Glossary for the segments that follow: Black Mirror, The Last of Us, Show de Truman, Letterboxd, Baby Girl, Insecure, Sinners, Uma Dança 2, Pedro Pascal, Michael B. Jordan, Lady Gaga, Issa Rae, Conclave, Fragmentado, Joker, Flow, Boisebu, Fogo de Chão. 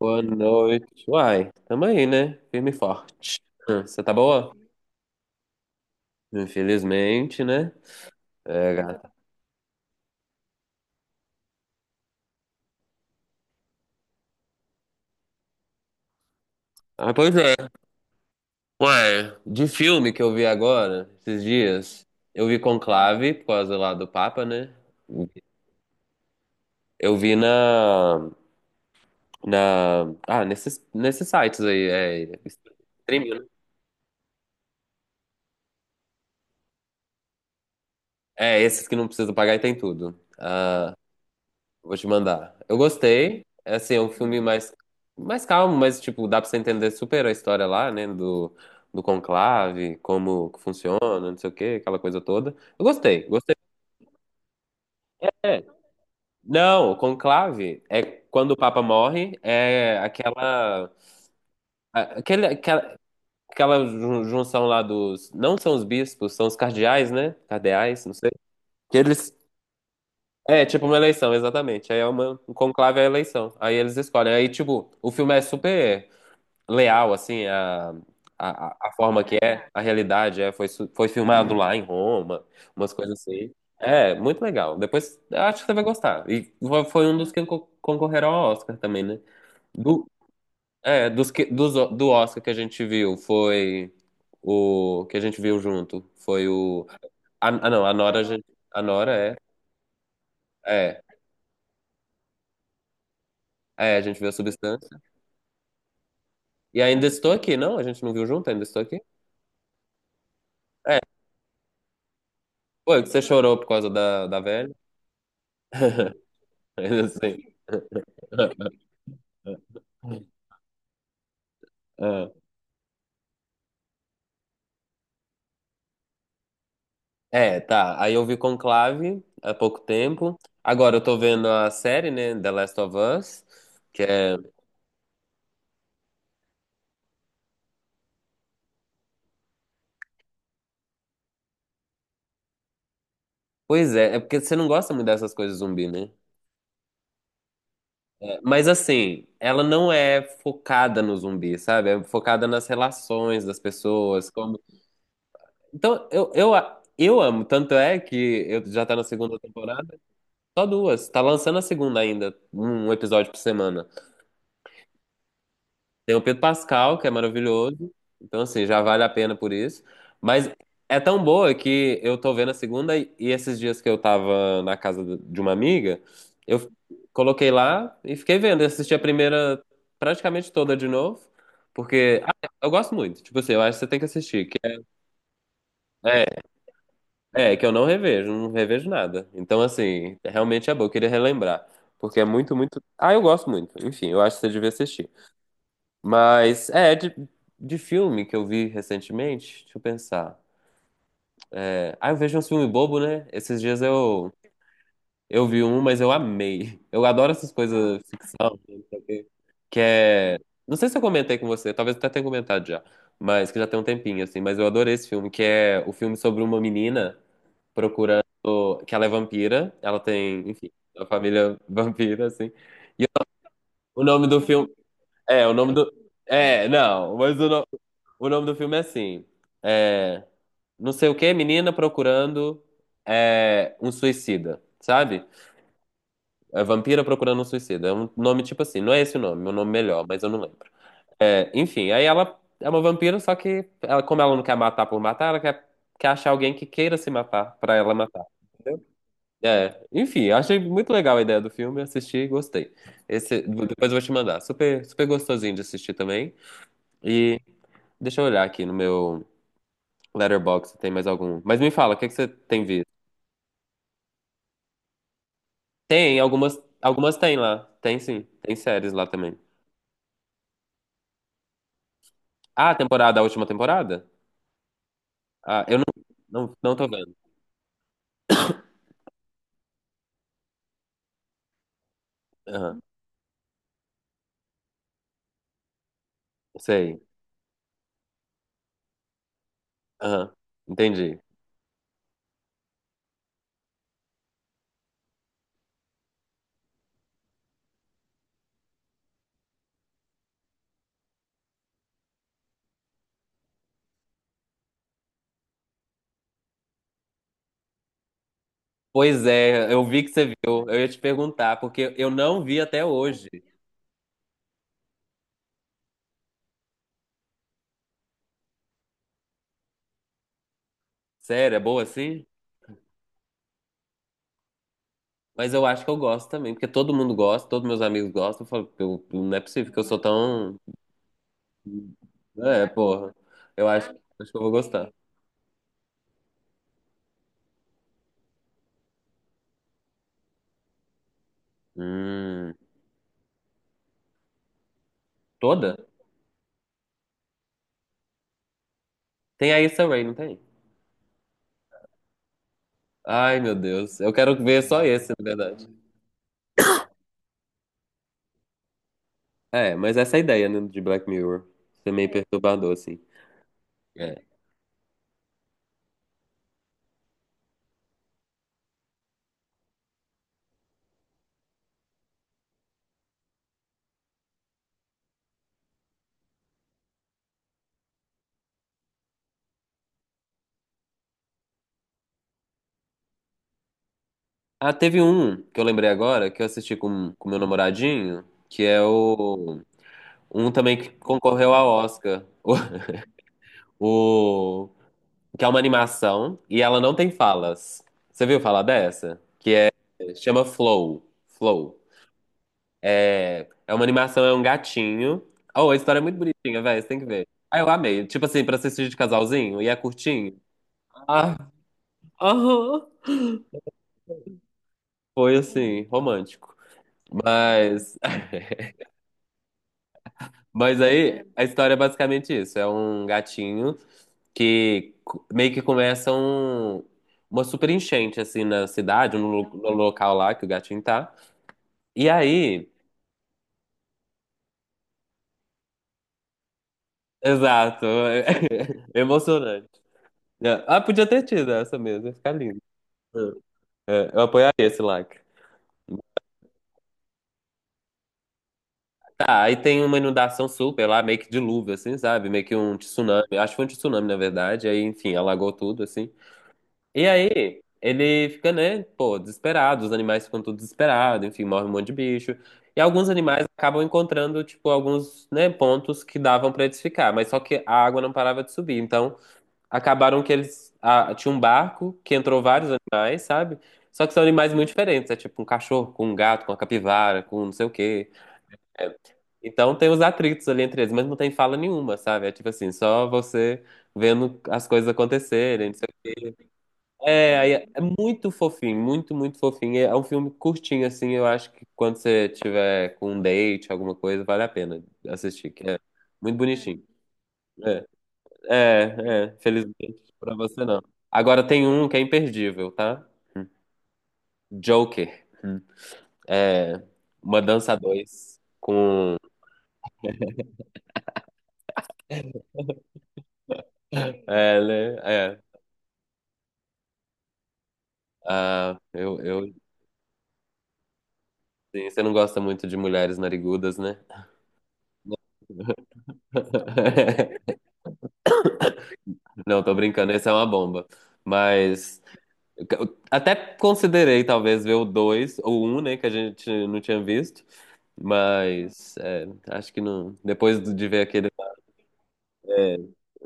Boa noite. Uai, tamo aí, né? Firme e forte. Você tá boa? Infelizmente, né? É, gata. Ah, pois é. Uai, de filme que eu vi agora, esses dias, eu vi Conclave, por causa lá do Papa, né? Eu vi na, nesses sites aí, streaming, né? É, esses que não precisa pagar e tem tudo. Ah, vou te mandar. Eu gostei. É assim, é um filme mais calmo, mas tipo, dá pra você entender super a história lá, né? Do conclave, como que funciona, não sei o quê, aquela coisa toda. Eu gostei, gostei. É. Não, o conclave é quando o Papa morre, é aquela, a- aquele, aquela, aquela junção lá dos. Não são os bispos, são os cardeais, né? Cardeais, não sei. Que eles. É, tipo uma eleição, exatamente. Aí um conclave é a eleição. Aí eles escolhem. Aí, tipo, o filme é super leal, assim, a forma que é, a realidade foi, foi filmado lá em Roma, umas coisas assim. É, muito legal. Depois, eu acho que você vai gostar. E foi um dos que concorreram ao Oscar também, né? Do, do Oscar que a gente viu, foi o que a gente viu junto, foi o... Ah, não, a Nora, a gente, a Nora é, é, é, a gente viu a Substância. E ainda estou aqui, não? A gente não viu junto, ainda estou aqui? É, foi que você chorou por causa da velha. Assim. Ah, é, tá. Aí eu vi Conclave há pouco tempo. Agora eu tô vendo a série, né? The Last of Us. Que é. Pois é, é porque você não gosta muito dessas coisas zumbi, né? É, mas assim, ela não é focada no zumbi, sabe? É focada nas relações das pessoas. Como... Então, eu amo. Tanto é que eu já tá na segunda temporada. Só duas. Tá lançando a segunda ainda, um episódio por semana. Tem o Pedro Pascal, que é maravilhoso. Então, assim, já vale a pena por isso. Mas é tão boa que eu tô vendo a segunda, e esses dias que eu tava na casa de uma amiga, eu coloquei lá e fiquei vendo. Eu assisti a primeira praticamente toda de novo. Porque eu gosto muito. Tipo assim, eu acho que você tem que assistir. Que é, que eu não revejo, não revejo nada. Então, assim, realmente é bom. Eu queria relembrar. Porque é muito, muito. Ah, eu gosto muito. Enfim, eu acho que você devia assistir. Mas, de, filme que eu vi recentemente, deixa eu pensar. Eu vejo um filme bobo, né? Esses dias eu vi um, mas eu amei. Eu adoro essas coisas ficção, né, não sei o quê. Que é... Não sei se eu comentei com você, talvez até tenha comentado já, mas que já tem um tempinho, assim. Mas eu adorei esse filme, que é o filme sobre uma menina procurando... Que ela é vampira, ela tem, enfim, uma família vampira, assim. O nome do filme... É, o nome do... É, não, mas o nome... O nome do filme é assim. É, não sei o que, menina procurando um suicida, sabe? É, vampira procurando um suicida. É um nome tipo assim. Não é esse o nome, meu nome melhor, mas eu não lembro. É, enfim, aí ela é uma vampira, só que ela, como ela não quer matar por matar, ela quer, achar alguém que queira se matar pra ela matar. Entendeu? É, enfim, achei muito legal a ideia do filme, assisti e gostei. Esse, depois eu vou te mandar. Super, super gostosinho de assistir também. E deixa eu olhar aqui no meu. Letterboxd, tem mais algum. Mas me fala, o que que você tem visto? Tem, algumas tem lá. Tem sim, tem séries lá também. Ah, a última temporada? Ah, eu não, não, não tô vendo. Aham, sei. Aham, entendi. Pois é, eu vi que você viu. Eu ia te perguntar, porque eu não vi até hoje. Sério, é boa assim? Mas eu acho que eu gosto também, porque todo mundo gosta, todos meus amigos gostam. Eu falo, não é possível que eu sou tão. É, porra. Eu acho que eu vou gostar. Hum, Toda? Tem a Issa Rae, não tem? Ai, meu Deus. Eu quero ver só esse, na verdade. É, mas essa é a ideia, né, de Black Mirror. Isso é meio perturbador, assim. É. Ah, teve um que eu lembrei agora, que eu assisti com meu namoradinho, que é o... Um também que concorreu ao Oscar. O... o- Que é uma animação e ela não tem falas. Você viu falar dessa? Chama Flow. Flow. É, é uma animação, é um gatinho. Oh, a história é muito bonitinha, velho. Você tem que ver. Ah, eu amei. Tipo assim, pra assistir de casalzinho, e é curtinho. Ah, aham. Foi assim, romântico. Mas, mas aí a história é basicamente isso. É um gatinho que meio que começa uma super enchente assim na cidade, no local lá que o gatinho tá. E aí, exato, emocionante. Ah, podia ter tido essa mesmo, ia ficar lindo. É, eu apoiaria esse like. Tá, aí tem uma inundação super lá, meio que dilúvio, assim, sabe? Meio que um tsunami. Acho que foi um tsunami, na verdade. Aí, enfim, alagou tudo, assim. E aí, ele fica, né, pô, desesperado. Os animais ficam tudo desesperados, enfim, morre um monte de bicho. E alguns animais acabam encontrando, tipo, alguns, né, pontos que davam pra eles ficar. Mas só que a água não parava de subir. Então, acabaram que eles. Ah, tinha um barco que entrou vários animais, sabe? Só que são animais muito diferentes. É tipo um cachorro com um gato, com uma capivara, com não sei o quê. Então tem os atritos ali entre eles, mas não tem fala nenhuma, sabe? É tipo assim, só você vendo as coisas acontecerem, não sei o quê. É, aí é muito fofinho, muito, muito fofinho. É um filme curtinho, assim, eu acho que quando você tiver com um date, alguma coisa, vale a pena assistir, que é muito bonitinho. É, é, felizmente pra você não. Agora tem um que é imperdível, tá? Joker. Hum. É, Uma Dança 2 com... É, né? É. Ah, eu Sim, você não gosta muito de mulheres narigudas, né? Não, tô brincando, essa é uma bomba. Mas eu até considerei talvez ver o 2 ou o um, né, que a gente não tinha visto, mas acho que não. Depois de ver aquele. É,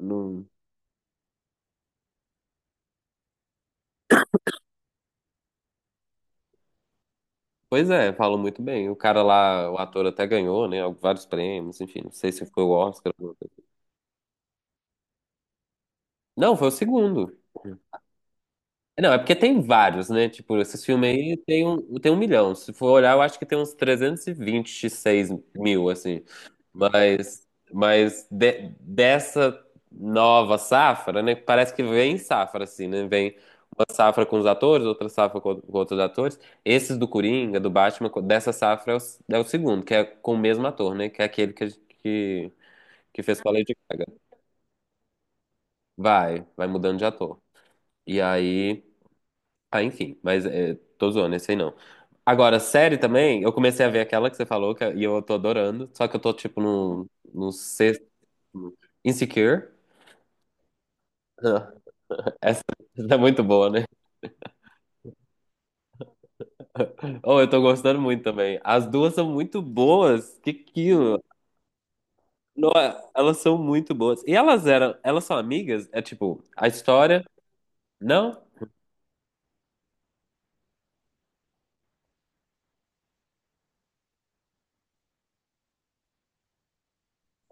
não- Pois é, falam muito bem. O cara lá, o ator até ganhou, né, vários prêmios, enfim, não sei se foi o Oscar ou alguma coisa. Não, foi o segundo. Não, é porque tem vários, né? Tipo, esses filmes aí tem um milhão. Se for olhar, eu acho que tem uns trezentos e vinte e seis mil, assim. Mas, mas, dessa nova safra, né? Parece que vem safra, assim, né? Vem uma safra com os atores, outra safra com outros atores. Esses do Coringa, do Batman, dessa safra é o segundo, que é com o mesmo ator, né? Que é aquele que fez com a Lady Gaga. Vai mudando de ator. E aí. Ah, enfim, mas tô zoando, esse aí não. Agora, série também, eu comecei a ver aquela que você falou que, e eu tô adorando, só que eu tô tipo no sexto. Insecure. Ah, Essa, essa é muito boa, né? Oh, eu tô gostando muito também. As duas são muito boas. Que não, elas são muito boas. E elas são amigas? É tipo, a história, não?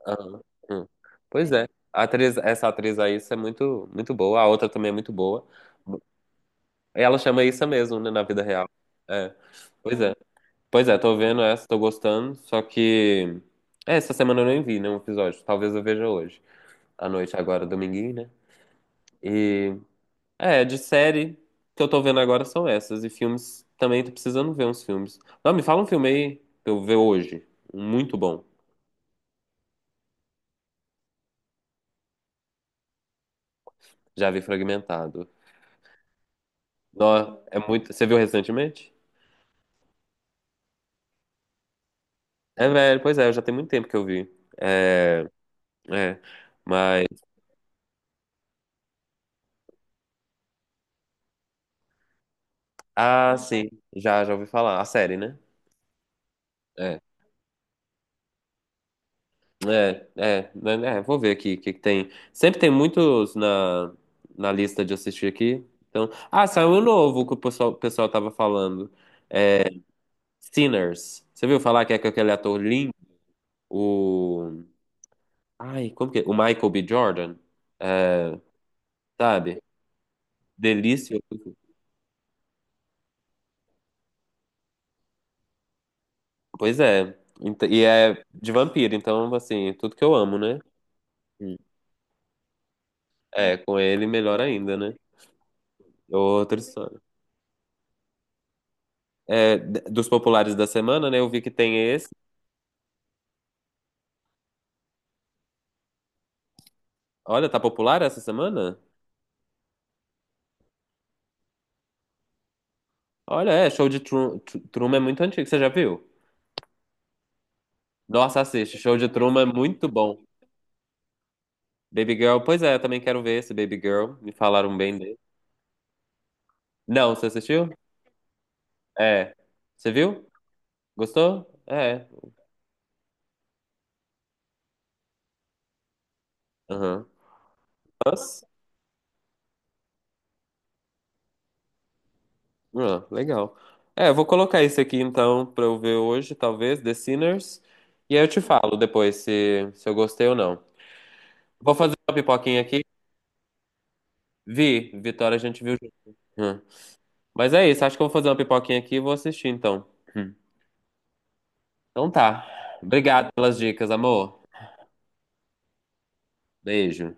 Ah, hum. Pois é. A atriz, essa atriz aí isso é muito muito boa. A outra também é muito boa. Ela chama isso mesmo, né, na vida real. É. Pois é. Pois é, tô vendo essa, tô gostando, só que essa semana eu nem vi nenhum episódio. Talvez eu veja hoje, à noite agora, dominguinho, né? E de série que eu tô vendo agora são essas, e filmes também tô precisando ver uns filmes. Não, me fala um filme aí pra eu ver hoje, um muito bom. Já vi Fragmentado. Não, é muito, você viu recentemente? É velho, pois é, já tem muito tempo que eu vi. É, é. Mas Ah, sim, já ouvi falar. A série, né? É, é, né, vou ver aqui o que que tem. Sempre tem muitos na, lista de assistir aqui. Então, saiu um novo que o pessoal tava falando. Sinners. Você viu falar que é com aquele ator lindo? O. Ai, como que é? O Michael B. Jordan. É, sabe? Delícia. Pois é. E é de vampiro, então, assim, tudo que eu amo, né? É, com ele melhor ainda, né? Outra história. É, dos populares da semana, né? Eu vi que tem esse. Olha, tá popular essa semana? Olha, Show de Truman é muito antigo, você já viu? Nossa, assiste, Show de Truman é muito bom. Baby Girl, pois é, eu também quero ver esse Baby Girl, me falaram bem dele. Não, você assistiu? É. Você viu? Gostou? É. Aham. Nossa, legal. É, eu vou colocar isso aqui então pra eu ver hoje, talvez, The Sinners. E aí eu te falo depois se eu gostei ou não. Vou fazer uma pipoquinha aqui. Vi, Vitória a gente viu junto. Hum. Mas é isso, acho que eu vou fazer uma pipoquinha aqui e vou assistir então. Hum. Então tá. Obrigado pelas dicas, amor. Beijo.